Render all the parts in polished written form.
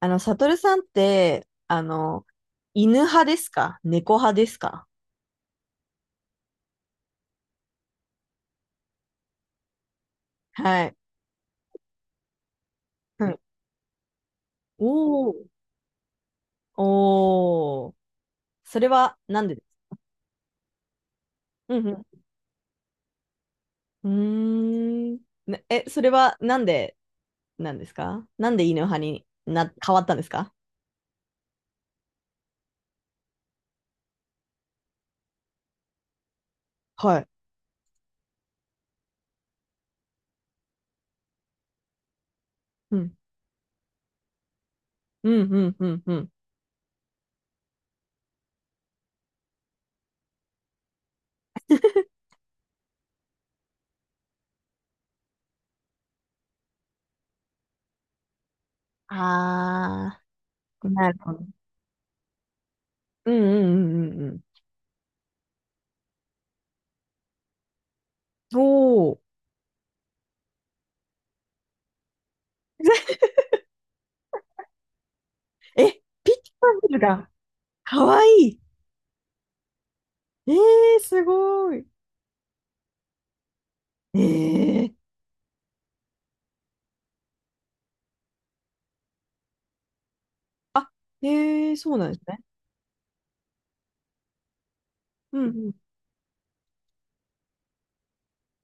サトルさんって、犬派ですか猫派ですか？はい。うん。おー。おー。それはなんでですか？うんうん。うーん。ねえ、それはなんで、なんですか、なんで犬派に変わったんですか？はい。うん。うん、うん、うん、うん。あー、なるほど。うん、うん、うん、うん。うん。おー。え、ピッチパンルが、かわいい。えー、すごい。えー、あ、へえ、そうなんですね。うん、うん、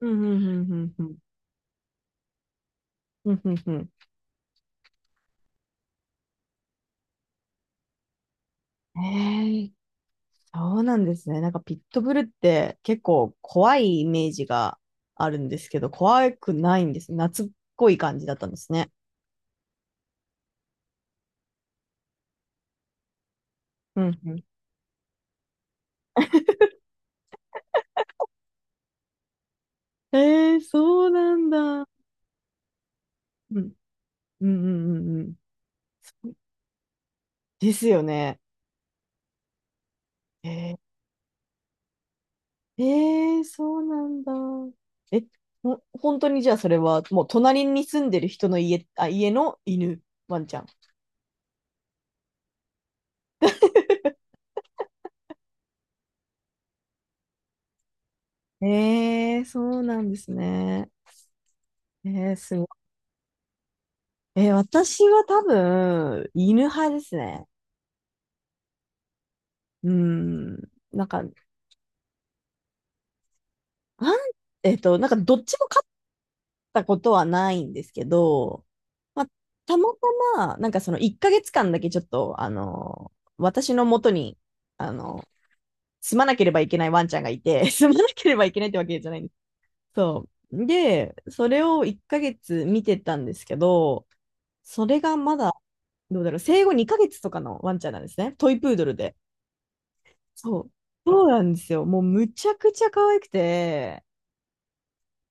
うん、うん、うん、うん、うん、うんうんうん。へえ、そうなんですね。なんかピットブルって結構怖いイメージがあるんですけど、怖くないんですね。懐っこい感じだったんですね。うん、うん。へえ、そうなんだ。うん、うん、うん、うんうん。そうですよね。へえ、へえ、そうなんだ。え、ほ、本当にじゃあそれはもう隣に住んでる人の家、あ、家の犬、ワンちゃん。ええ、そうなんですね。ええ、すごい。ええ、私は多分、犬派ですね。うん。なんか、あん、なんかどっちも勝ったことはないんですけど、まあ、たまたま、なんかその1ヶ月間だけちょっと、私の元に、あの、住まなければいけないワンちゃんがいて、住まなければいけないってわけじゃないん、そう。で、それを1ヶ月見てたんですけど、それがまだ、どうだろう、生後2ヶ月とかのワンちゃんなんですね。トイプードルで。そう。そうなんですよ。もうむちゃくちゃ可愛くて、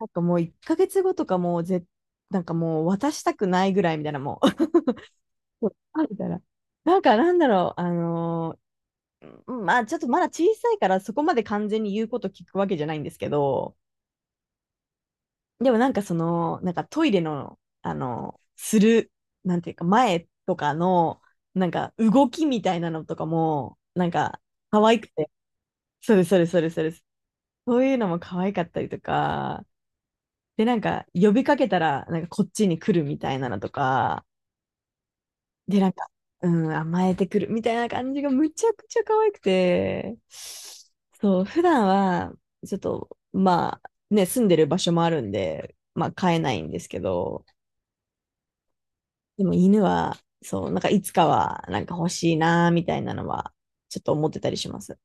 なんかもう1ヶ月後とかもうぜ、なんかもう渡したくないぐらいみたいな、もう。そうあみたいな。なんか、なんだろう、あのー、うん、まあちょっとまだ小さいからそこまで完全に言うこと聞くわけじゃないんですけど、でもなんかその、なんかトイレの、する、なんていうか前とかの、なんか動きみたいなのとかも、なんか可愛くて、そうです、そうです、そうです、そうです。そういうのも可愛かったりとか、で、なんか呼びかけたら、なんかこっちに来るみたいなのとか、で、なんか、うん、甘えてくるみたいな感じがむちゃくちゃ可愛くて、そう、普段は、ちょっと、まあ、ね、住んでる場所もあるんで、まあ、飼えないんですけど、でも犬は、そう、なんかいつかは、なんか欲しいな、みたいなのは、ちょっと思ってたりします。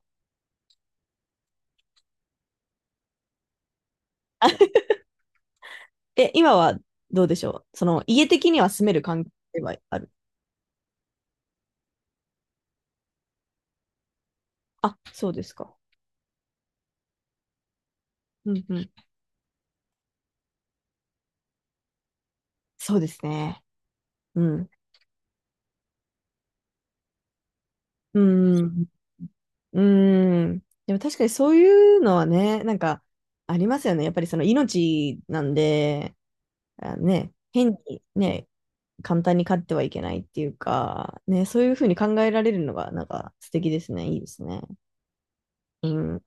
え、今はどうでしょう、その、家的には住める環境ではある。あ、そうですか。うんうん。そうですね。うん。うん。うん。でも確かにそういうのはね、なんか、ありますよね。やっぱりその命なんで、あね、変にね、簡単に飼ってはいけないっていうか、ね、そういうふうに考えられるのが、なんか素敵ですね。いいですね。うん。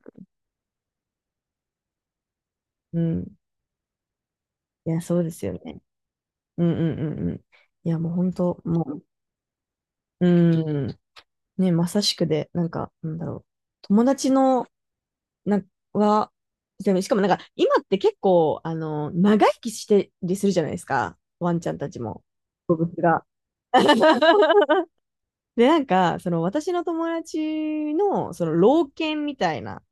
うん。いや、そうですよね。うんうんうんうん。いや、もう本当、もう、うん。ね、まさしくで、なんか、なんだろう。友達の、な、は、でもしかもなんか、今って結構、長生きしてりするじゃないですか。ワンちゃんたちも。動物が。で、なんか、その私の友達の、その老犬みたいな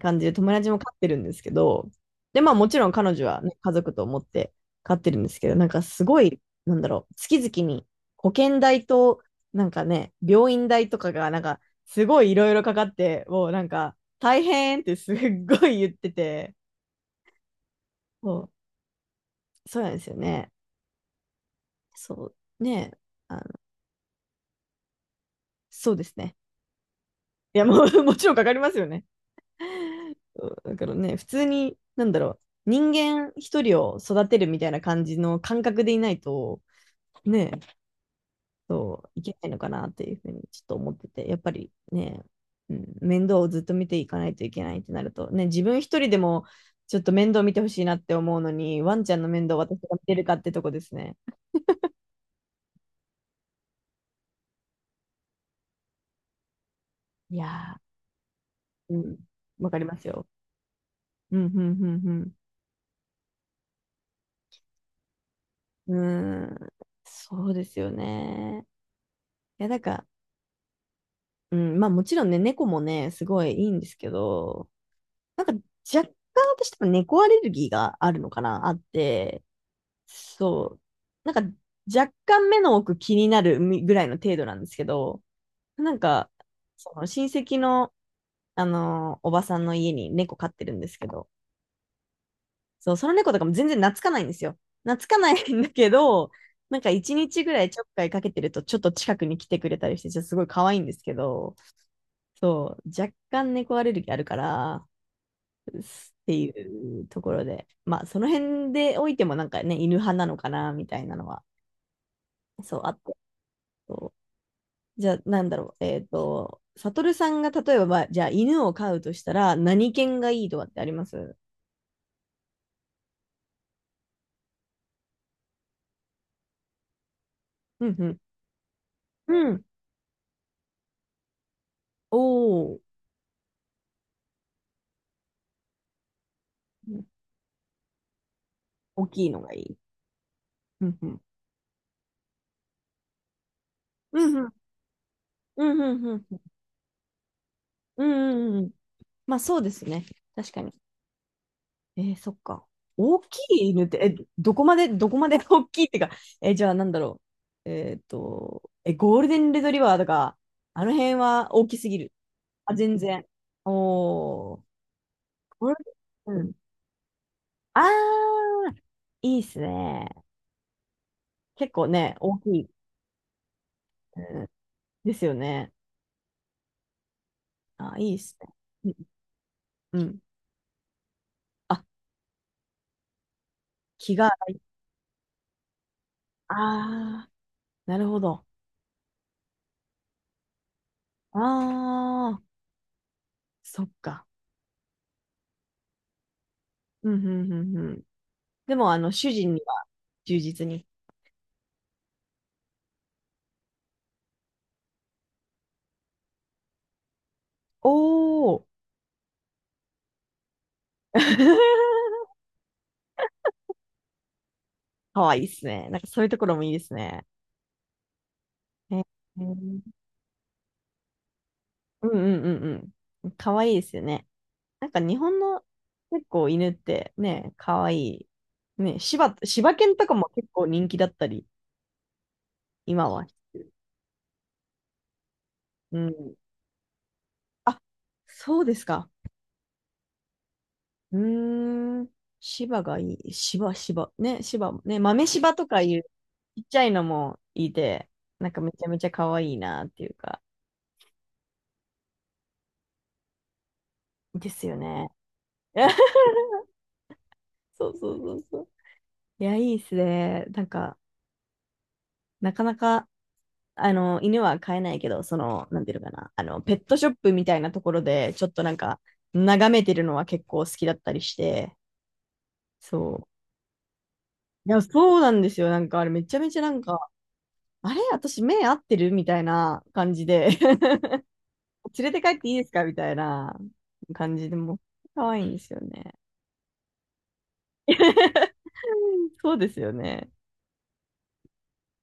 感じで友達も飼ってるんですけど、で、まあもちろん彼女は、ね、家族と思って飼ってるんですけど、なんかすごい、なんだろう、月々に保険代と、なんかね、病院代とかが、なんかすごいいろいろかかって、もうなんか大変ってすっごい言ってて、そう、そうなんですよね。そう、ね、あの、そうですね。いや、もう もちろんかかりますよね。そうだからね、普通に、なんだろう、人間一人を育てるみたいな感じの感覚でいないと、ね、そう、いけないのかなっていうふうにちょっと思ってて、やっぱりね、うん、面倒をずっと見ていかないといけないってなると、ね、自分一人でもちょっと面倒見てほしいなって思うのに、ワンちゃんの面倒を私が見てるかってとこですね。いやー、うん、わかりますよ。うん、うん、うん、うん。うーん、そうですよね。いや、なんか、うん、まあもちろんね、猫もね、すごいいいんですけど、なんか若干私多分猫アレルギーがあるのかな、あって、そう。なんか若干目の奥気になるみぐらいの程度なんですけど、なんか、その親戚の、あのー、おばさんの家に猫飼ってるんですけど、そう、その猫とかも全然懐かないんですよ。懐かないんだけど、なんか一日ぐらいちょっかいかけてるとちょっと近くに来てくれたりして、ちょっとすごい可愛いんですけど、そう、若干猫アレルギーあるから、っていうところで、まあその辺でおいてもなんかね、犬派なのかな、みたいなのは、そう、あって。じゃあ、なんだろう。えっ、ーと、サトルさんが例えば、まあ、じゃあ、犬を飼うとしたら、何犬がいいとかってあります？うんうん。うん。おお。大きいのがいい。うんうん。うんうん。うんうんうんうん。うんうんうんうんうんうん、まあ、そうですね。確かに。えー、そっか。大きい犬って、え、どこまで、どこまで 大きいってか、え、じゃあ、なんだろう。えーっと、え、ゴールデンレトリバーとか、あの辺は大きすぎる？あ、全然。おお。ゴールデン、うん。あー、いいっすね。結構ね、大きい。うんですよね。あ、いいっすね。うん。うん。あ、気が合い、ああ、なるほど。ああ、そっか。うん、うん、うん、うん。でも、主人には忠実に。おー。かわいいっすね。なんかそういうところもいいですね。えー、うんうんうんうん。かわいいですよね。なんか日本の結構犬ってね、かわいい。ね、柴、柴犬とかも結構人気だったり。今は。うん。あ、そうですか。うーん。芝がいい。芝、芝。ね、芝、ね、豆芝とかいうちっちゃいのもいて、なんかめちゃめちゃ可愛いなっていうか、ですよね。そうそうそうそう。いや、いいっすね。なんか、なかなか、犬は飼えないけど、その、なんていうのかな、ペットショップみたいなところで、ちょっとなんか、眺めてるのは結構好きだったりして、そう。いや、そうなんですよ。なんか、あれめちゃめちゃなんか、あれ私目合ってるみたいな感じで 連れて帰っていいですかみたいな感じでもう、可愛いんですよね。うん、そうですよね。